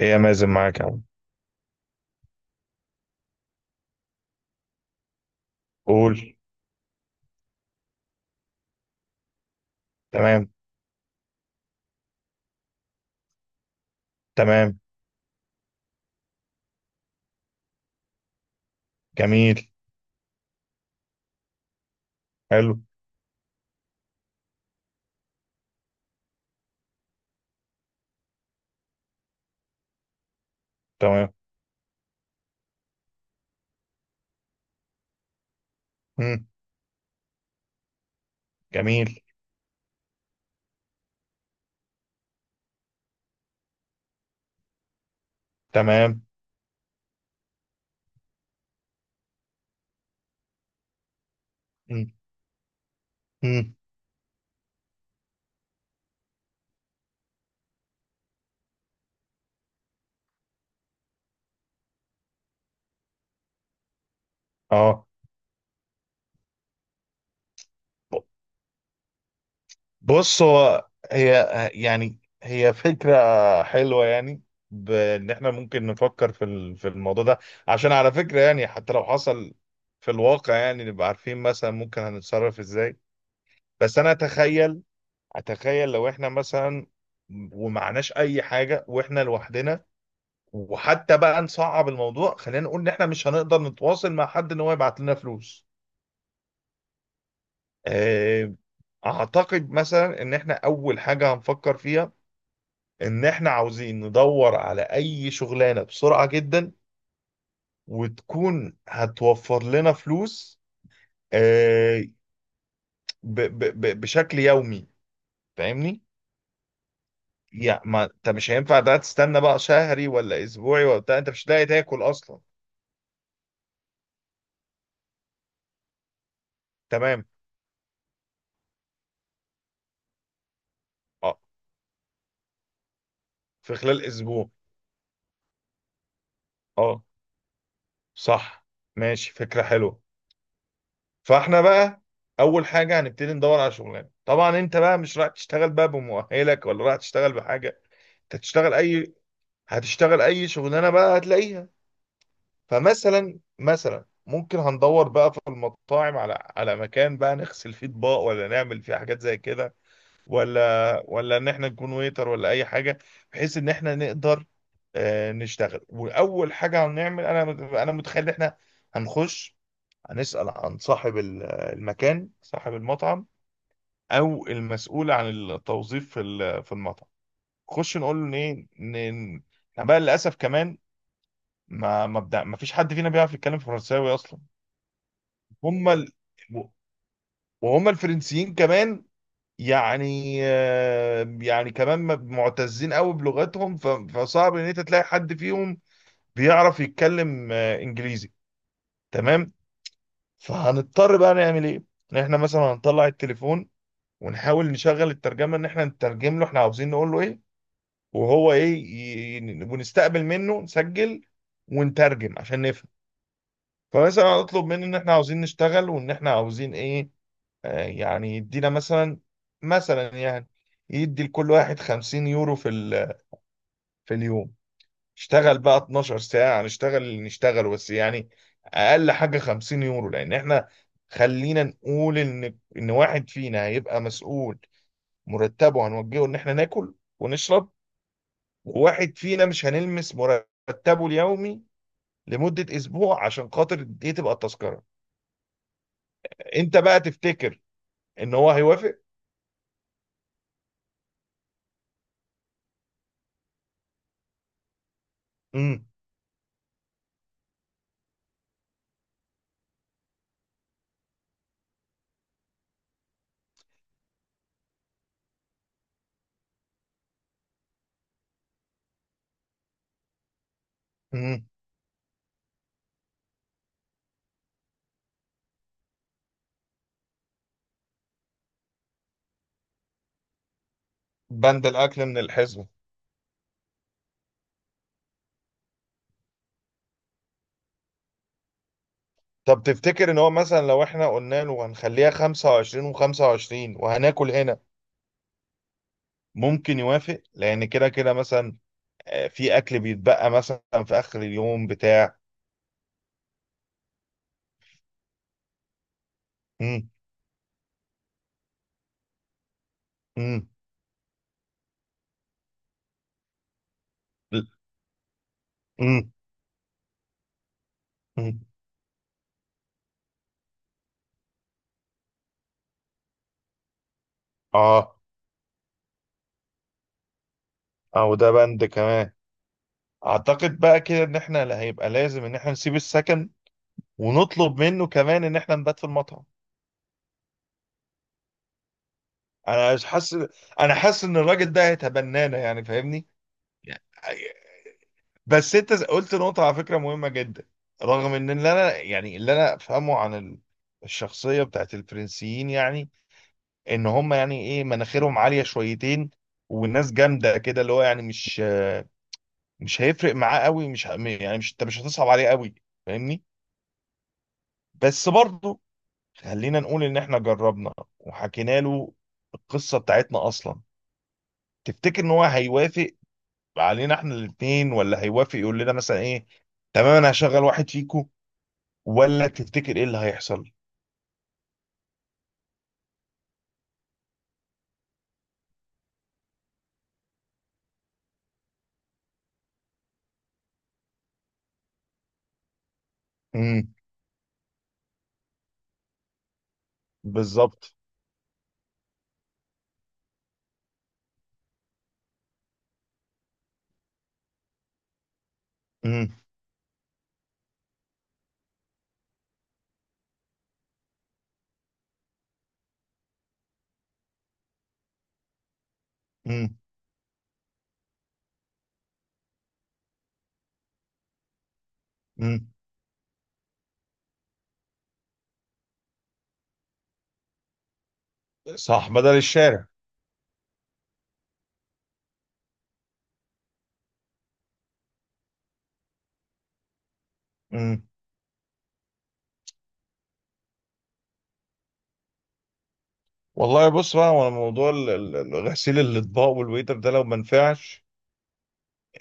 ايه يا مازن، معاك يا عم. قول. تمام. تمام. جميل. حلو. تمام. مم. جميل. تمام. مم. مم. اه. ب- بص، هي يعني هي فكرة حلوة يعني، بان احنا ممكن نفكر في الموضوع ده. عشان على فكرة يعني حتى لو حصل في الواقع، يعني نبقى عارفين مثلا ممكن هنتصرف ازاي. بس انا اتخيل، لو احنا مثلا ومعناش اي حاجة واحنا لوحدنا، وحتى بقى نصعب الموضوع خلينا نقول ان احنا مش هنقدر نتواصل مع حد ان هو يبعت لنا فلوس. آه، اعتقد مثلا ان احنا اول حاجة هنفكر فيها ان احنا عاوزين ندور على اي شغلانة بسرعة جدا وتكون هتوفر لنا فلوس، آه، بشكل يومي. فاهمني؟ يعني ما انت مش هينفع ده تستنى بقى شهري ولا اسبوعي ولا بتاع، انت مش هتلاقي تاكل اصلا. تمام. اه. في خلال اسبوع. اه. صح. ماشي، فكرة حلوة. فاحنا بقى اول حاجه هنبتدي ندور على شغلانه. طبعا انت بقى مش رايح تشتغل بقى بمؤهلك ولا رايح تشتغل بحاجه، انت هتشتغل اي، هتشتغل اي شغلانه بقى هتلاقيها. فمثلا ممكن هندور بقى في المطاعم على مكان بقى نغسل فيه اطباق ولا نعمل فيه حاجات زي كده، ولا ان احنا نكون ويتر ولا اي حاجه، بحيث ان احنا نقدر نشتغل. واول حاجه هنعمل، انا متخيل ان احنا هنخش هنسأل عن صاحب المكان، صاحب المطعم او المسؤول عن التوظيف في المطعم. خش نقول له ايه احنا بقى للاسف كمان ما بدا، ما فيش حد فينا بيعرف يتكلم فرنساوي اصلا. هم وهم الفرنسيين كمان، يعني يعني كمان معتزين قوي بلغتهم، فصعب ان انت تلاقي حد فيهم بيعرف يتكلم انجليزي. تمام. فهنضطر بقى نعمل ايه؟ إن احنا مثلا هنطلع التليفون ونحاول نشغل الترجمه، ان احنا نترجم له احنا عاوزين نقول له ايه، وهو ايه ونستقبل منه، نسجل ونترجم عشان نفهم. فمثلا اطلب منه ان احنا عاوزين نشتغل وان احنا عاوزين ايه، يعني يدينا مثلا، مثلا يدي لكل واحد 50 يورو في اليوم. اشتغل بقى 12 ساعة، نشتغل اللي نشتغل بس يعني اقل حاجة 50 يورو. لان احنا خلينا نقول ان واحد فينا هيبقى مسؤول مرتبه، هنوجهه ان احنا ناكل ونشرب، وواحد فينا مش هنلمس مرتبه اليومي لمدة اسبوع عشان خاطر دي تبقى التذكرة. انت بقى تفتكر ان هو هيوافق؟ امم امم بند الاكل من الحزمة. طب تفتكر ان هو مثلا لو احنا قلنا له هنخليها 25 و25 وهناكل هنا ممكن يوافق؟ لان كده كده مثلا، في اكل بيتبقى مثلا في اخر اليوم بتاع. امم امم امم امم اه، او ده بند كمان. اعتقد بقى كده ان احنا لا، هيبقى لازم ان احنا نسيب السكن ونطلب منه كمان ان احنا نبات في المطعم. انا مش حاسس، انا حاسس ان الراجل ده هيتبنانا يعني، فاهمني؟ بس انت قلت نقطة على فكرة مهمة جدا. رغم ان اللي انا يعني اللي انا افهمه عن الشخصية بتاعت الفرنسيين، يعني ان هم يعني ايه، مناخيرهم عالية شويتين والناس جامدة كده، اللي هو يعني مش، مش هيفرق معاه قوي، مش يعني مش انت مش هتصعب عليه قوي، فاهمني؟ بس برضه خلينا نقول ان احنا جربنا وحكينا له القصه بتاعتنا اصلا. تفتكر ان هو هيوافق علينا احنا الاثنين، ولا هيوافق يقول لنا مثلا ايه تمام انا هشغل واحد فيكو، ولا تفتكر ايه اللي هيحصل؟ امم بالظبط. امم امم امم صح، بدل الشارع. امم والله بص بقى، هو موضوع غسيل الاطباق والويتر ده لو ما نفعش،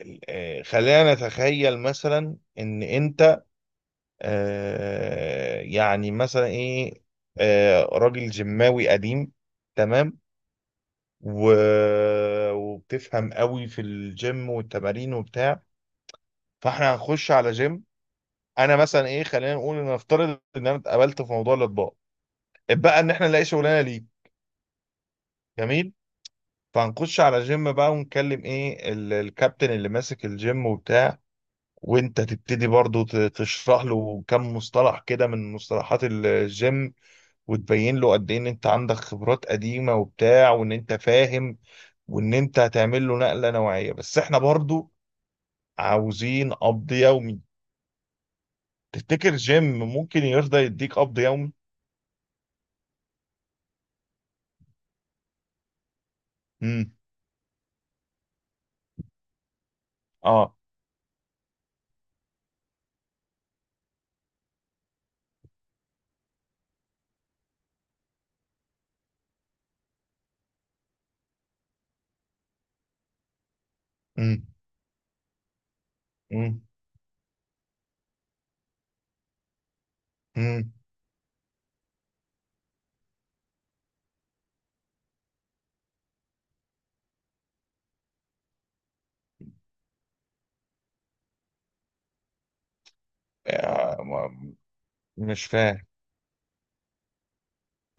خلينا نتخيل مثلا ان انت يعني مثلا ايه، راجل جماوي قديم، تمام، و... وبتفهم قوي في الجيم والتمارين وبتاع، فاحنا هنخش على جيم. انا مثلا ايه، خلينا نقول ان نفترض ان انا اتقابلت في موضوع الاطباء، اتبقى ان احنا نلاقي شغلانه ليه. جميل. فهنخش على جيم بقى ونكلم ايه الكابتن اللي ماسك الجيم وبتاع، وانت تبتدي برضو تشرح له كم مصطلح كده من مصطلحات الجيم، وتبين له قد ايه ان انت عندك خبرات قديمة وبتاع وان انت فاهم، وان انت هتعمل له نقلة نوعية. بس احنا برضو عاوزين قبض يومي. تفتكر جيم ممكن يرضى يديك قبض يومي؟ امم اه. امم امم امم آه، ما- مش فاهم.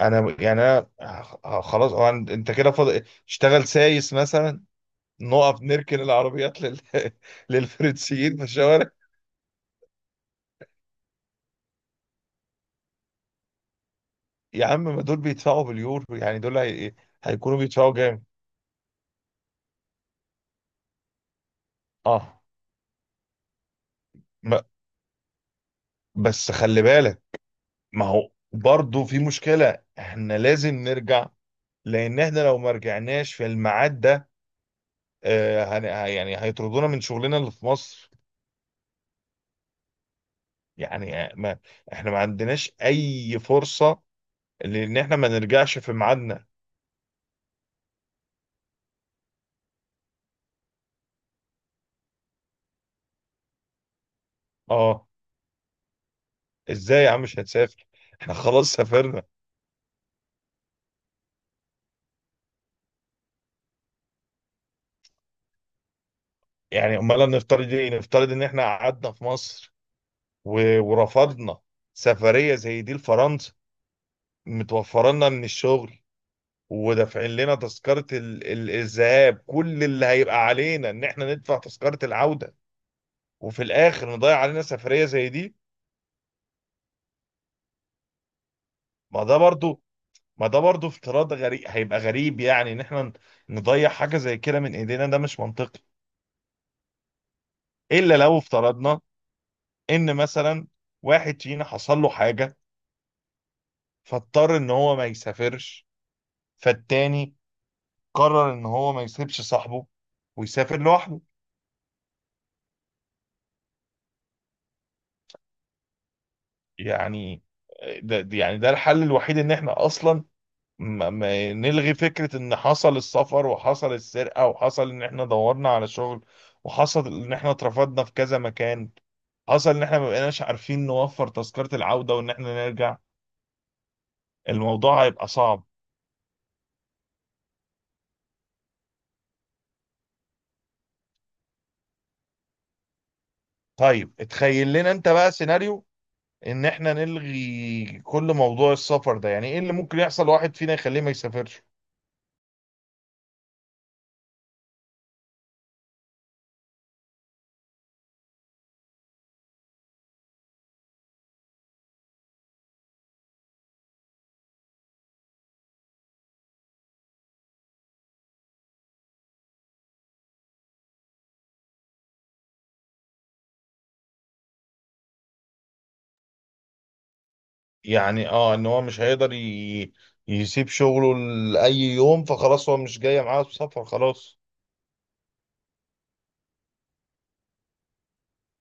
انا يعني خلاص، هو أنت كده فاضل اشتغل سايس مثلا، نقف نركن العربيات للفرنسيين في الشوارع. يا عم ما دول بيدفعوا باليورو، يعني دول هيكونوا بيدفعوا جامد. اه. ب- بس خلي بالك، ما هو برضه في مشكلة، احنا لازم نرجع. لان احنا لو ما رجعناش في الميعاد ده، يعني هيطردونا من شغلنا اللي في مصر. يعني آه، ما احنا ما عندناش اي فرصة لان احنا ما نرجعش في ميعادنا. اه. ازاي يا عم مش هتسافر؟ احنا خلاص سافرنا. يعني امال نفترض ايه، نفترض ان احنا قعدنا في مصر و... ورفضنا سفرية زي دي لفرنسا، متوفرة لنا من الشغل ودافعين لنا تذكرة الذهاب، كل اللي هيبقى علينا ان احنا ندفع تذكرة العودة، وفي الاخر نضيع علينا سفرية زي دي. ما ده برضو ما ده برضو افتراض غريب، هيبقى غريب يعني ان احنا نضيع حاجة زي كده من ايدينا، ده مش منطقي. الا لو افترضنا ان مثلا واحد فينا حصل له حاجة فاضطر ان هو ما يسافرش، فالتاني قرر ان هو ما يسيبش صاحبه ويسافر لوحده. يعني يعني ده الحل الوحيد. ان احنا اصلا ما نلغي فكرة ان حصل السفر، وحصل السرقة، وحصل ان احنا دورنا على شغل وحصل ان احنا اترفضنا في كذا مكان، حصل ان احنا ما بقيناش عارفين نوفر تذكرة العودة وان احنا نرجع، الموضوع هيبقى صعب. طيب اتخيل لنا انت بقى سيناريو ان احنا نلغي كل موضوع السفر ده. يعني ايه اللي ممكن يحصل واحد فينا يخليه ما يسافرش؟ يعني اه، ان هو مش هيقدر يسيب شغله لأي يوم، فخلاص هو مش جاي معاه السفر خلاص.